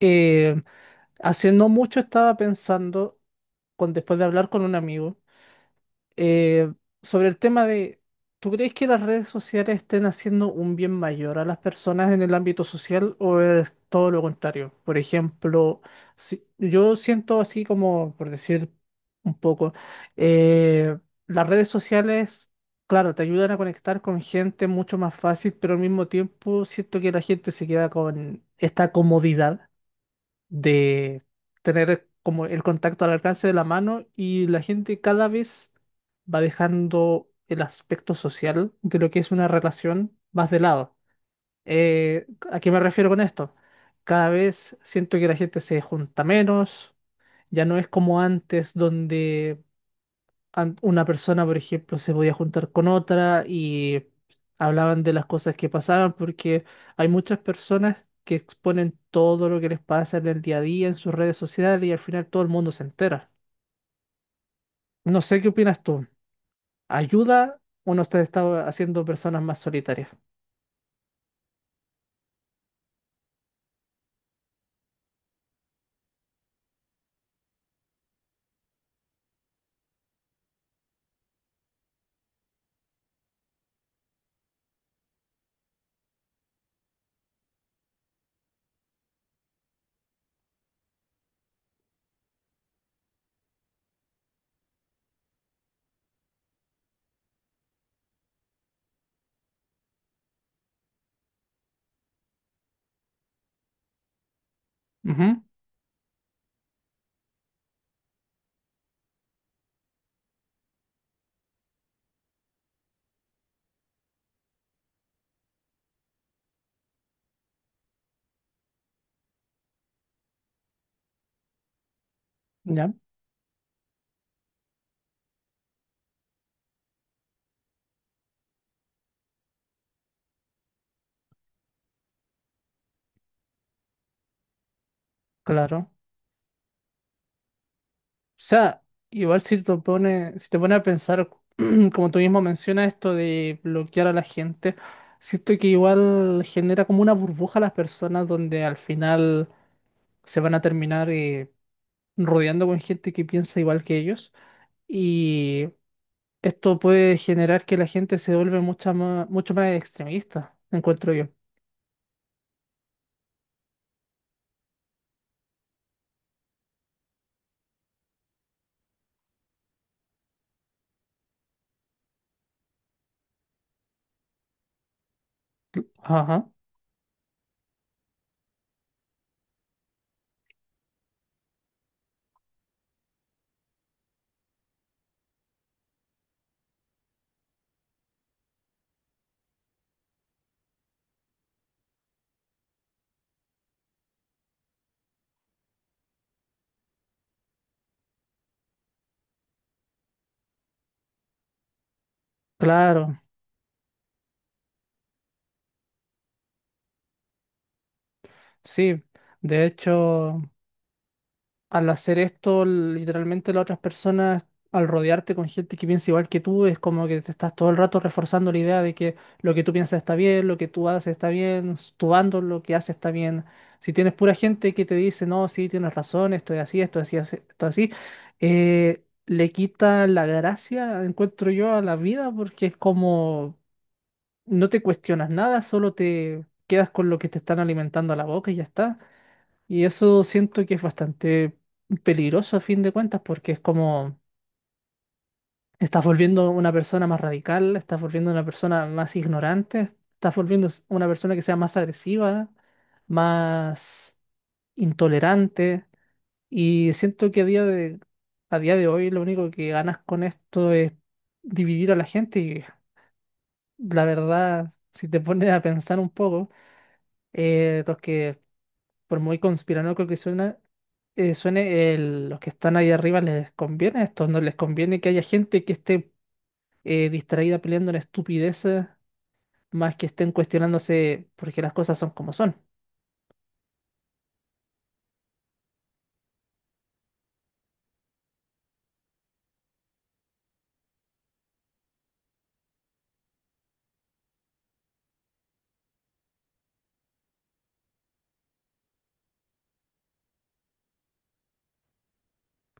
Eh, hace no mucho estaba pensando, después de hablar con un amigo, eh, sobre el tema: ¿tú crees que las redes sociales estén haciendo un bien mayor a las personas en el ámbito social o es todo lo contrario? Por ejemplo, si, yo siento así como, por decir un poco, eh, las redes sociales, claro, te ayudan a conectar con gente mucho más fácil, pero al mismo tiempo siento que la gente se queda con esta comodidad de tener como el contacto al alcance de la mano y la gente cada vez va dejando el aspecto social de lo que es una relación más de lado. ¿a qué me refiero con esto? Cada vez siento que la gente se junta menos, ya no es como antes donde una persona, por ejemplo, se podía juntar con otra y hablaban de las cosas que pasaban, porque hay muchas personas que exponen todo lo que les pasa en el día a día, en sus redes sociales, y al final todo el mundo se entera. No sé qué opinas tú. ¿Ayuda o no te está haciendo personas más solitarias? Ujú, ya, claro. Sea, igual si te pone, si te pone a pensar, como tú mismo mencionas, esto de bloquear a la gente, siento que igual genera como una burbuja a las personas donde al final se van a terminar rodeando con gente que piensa igual que ellos. Y esto puede generar que la gente se vuelve mucho más extremista, encuentro yo. Ajá, claro, sí. De hecho, al hacer esto, literalmente las otras personas, al rodearte con gente que piensa igual que tú, es como que te estás todo el rato reforzando la idea de que lo que tú piensas está bien, lo que tú haces está bien, tu bando lo que hace está bien. Si tienes pura gente que te dice, no, sí, tienes razón, esto es así, esto es así, esto es así, le quita la gracia, encuentro yo, a la vida porque es como no te cuestionas nada, solo te quedas con lo que te están alimentando a la boca y ya está. Y eso siento que es bastante peligroso a fin de cuentas, porque es como estás volviendo una persona más radical, estás volviendo una persona más ignorante, estás volviendo una persona que sea más agresiva, más intolerante. Y siento que a día de hoy lo único que ganas con esto es dividir a la gente. Y la verdad, si te pones a pensar un poco, los que por muy conspiranoico que suene, los que están ahí arriba les conviene esto, no les conviene que haya gente que esté distraída peleando en estupideces, más que estén cuestionándose porque las cosas son como son.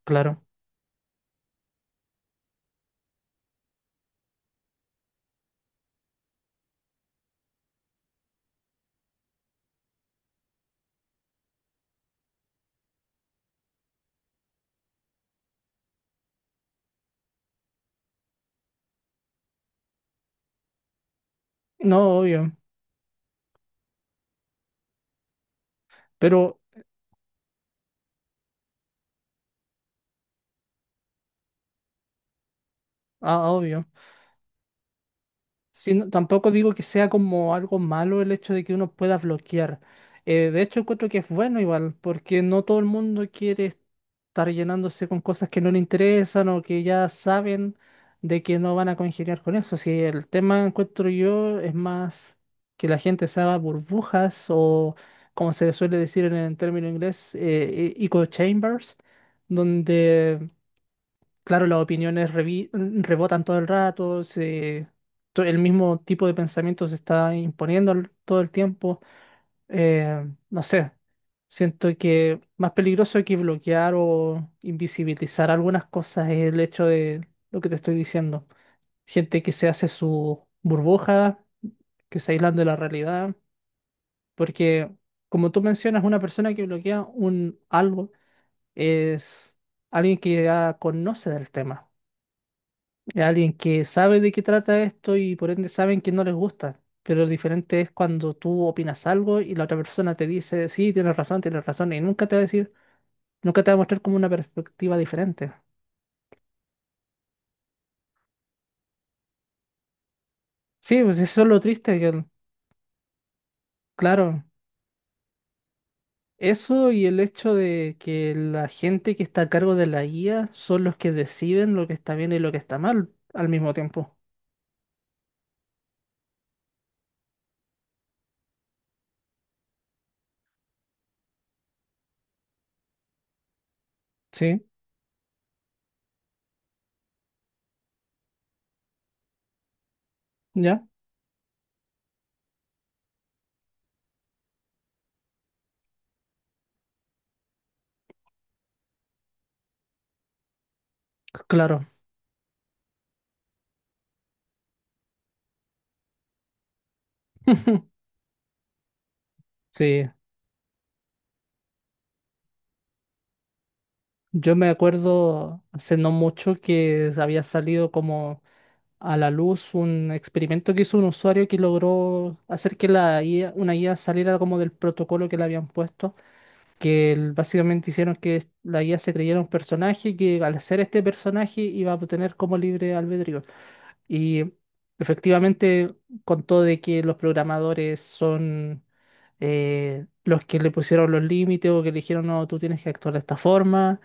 Claro. No, obvio. Pero, ah, obvio. Sí, tampoco digo que sea como algo malo el hecho de que uno pueda bloquear. De hecho, encuentro que es bueno igual, porque no todo el mundo quiere estar llenándose con cosas que no le interesan o que ya saben de que no van a congeniar con eso. Si el tema, encuentro yo, es más que la gente se haga burbujas o, como se le suele decir en el término inglés, echo chambers, donde claro, las opiniones rebotan todo el rato, el mismo tipo de pensamiento se está imponiendo todo el tiempo. No sé, siento que más peligroso que bloquear o invisibilizar algunas cosas es el hecho de lo que te estoy diciendo. Gente que se hace su burbuja, que se aíslan de la realidad, porque como tú mencionas, una persona que bloquea un algo es alguien que ya conoce del tema. Es alguien que sabe de qué trata esto y por ende saben que no les gusta. Pero lo diferente es cuando tú opinas algo y la otra persona te dice, sí, tienes razón, y nunca te va a decir, nunca te va a mostrar como una perspectiva diferente. Sí, pues eso es lo triste, claro, eso y el hecho de que la gente que está a cargo de la guía son los que deciden lo que está bien y lo que está mal al mismo tiempo. Sí, ya, claro, sí. Yo me acuerdo hace no mucho que había salido como a la luz un experimento que hizo un usuario que logró hacer que la IA, una IA saliera como del protocolo que le habían puesto, que básicamente hicieron que la IA se creyera un personaje y que al ser este personaje iba a tener como libre albedrío. Y efectivamente contó de que los programadores son los que le pusieron los límites o que le dijeron, no, tú tienes que actuar de esta forma.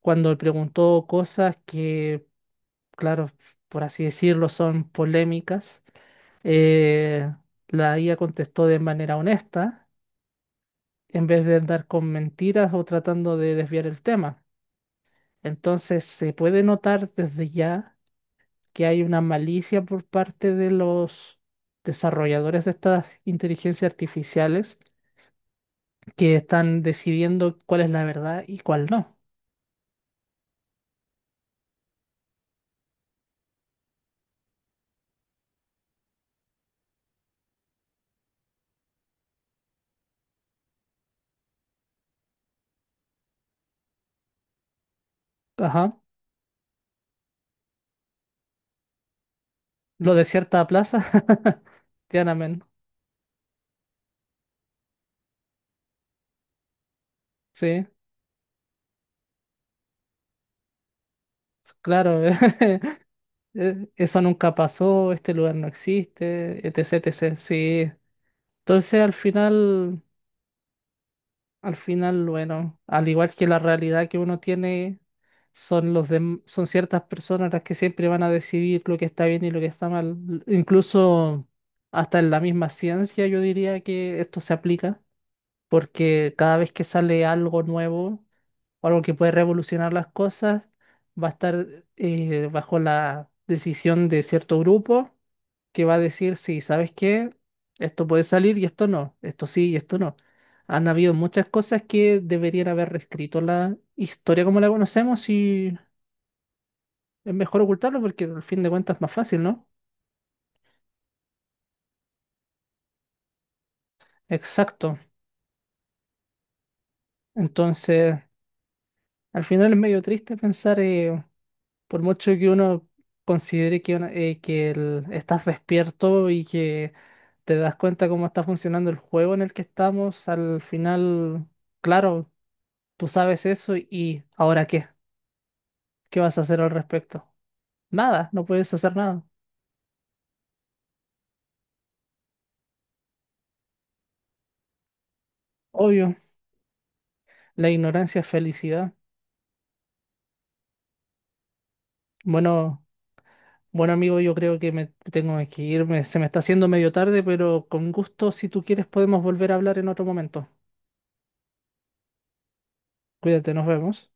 Cuando él preguntó cosas que claro, por así decirlo, son polémicas. Eh, la IA contestó de manera honesta, en vez de andar con mentiras o tratando de desviar el tema. Entonces, se puede notar desde ya que hay una malicia por parte de los desarrolladores de estas inteligencias artificiales que están decidiendo cuál es la verdad y cuál no. Ajá. Lo de cierta plaza, Tiananmen, sí, claro. Eso nunca pasó, este lugar no existe, etc, etc. Sí. Entonces al final, bueno, al igual que la realidad que uno tiene, son son ciertas personas las que siempre van a decidir lo que está bien y lo que está mal. Incluso hasta en la misma ciencia yo diría que esto se aplica, porque cada vez que sale algo nuevo o algo que puede revolucionar las cosas, va a estar bajo la decisión de cierto grupo que va a decir, sí, ¿sabes qué? Esto puede salir y esto no, esto sí y esto no. Han habido muchas cosas que deberían haber reescrito la historia como la conocemos y es mejor ocultarlo porque al fin de cuentas es más fácil, ¿no? Exacto. Entonces, al final es medio triste pensar. Por mucho que uno considere que estás despierto y que te das cuenta cómo está funcionando el juego en el que estamos, al final, claro, tú sabes eso y ¿ahora qué? ¿Qué vas a hacer al respecto? Nada, no puedes hacer nada. Obvio, la ignorancia es felicidad. Bueno, bueno amigo, yo creo que me tengo que irme. Se me está haciendo medio tarde, pero con gusto, si tú quieres, podemos volver a hablar en otro momento. Cuídate, nos vemos.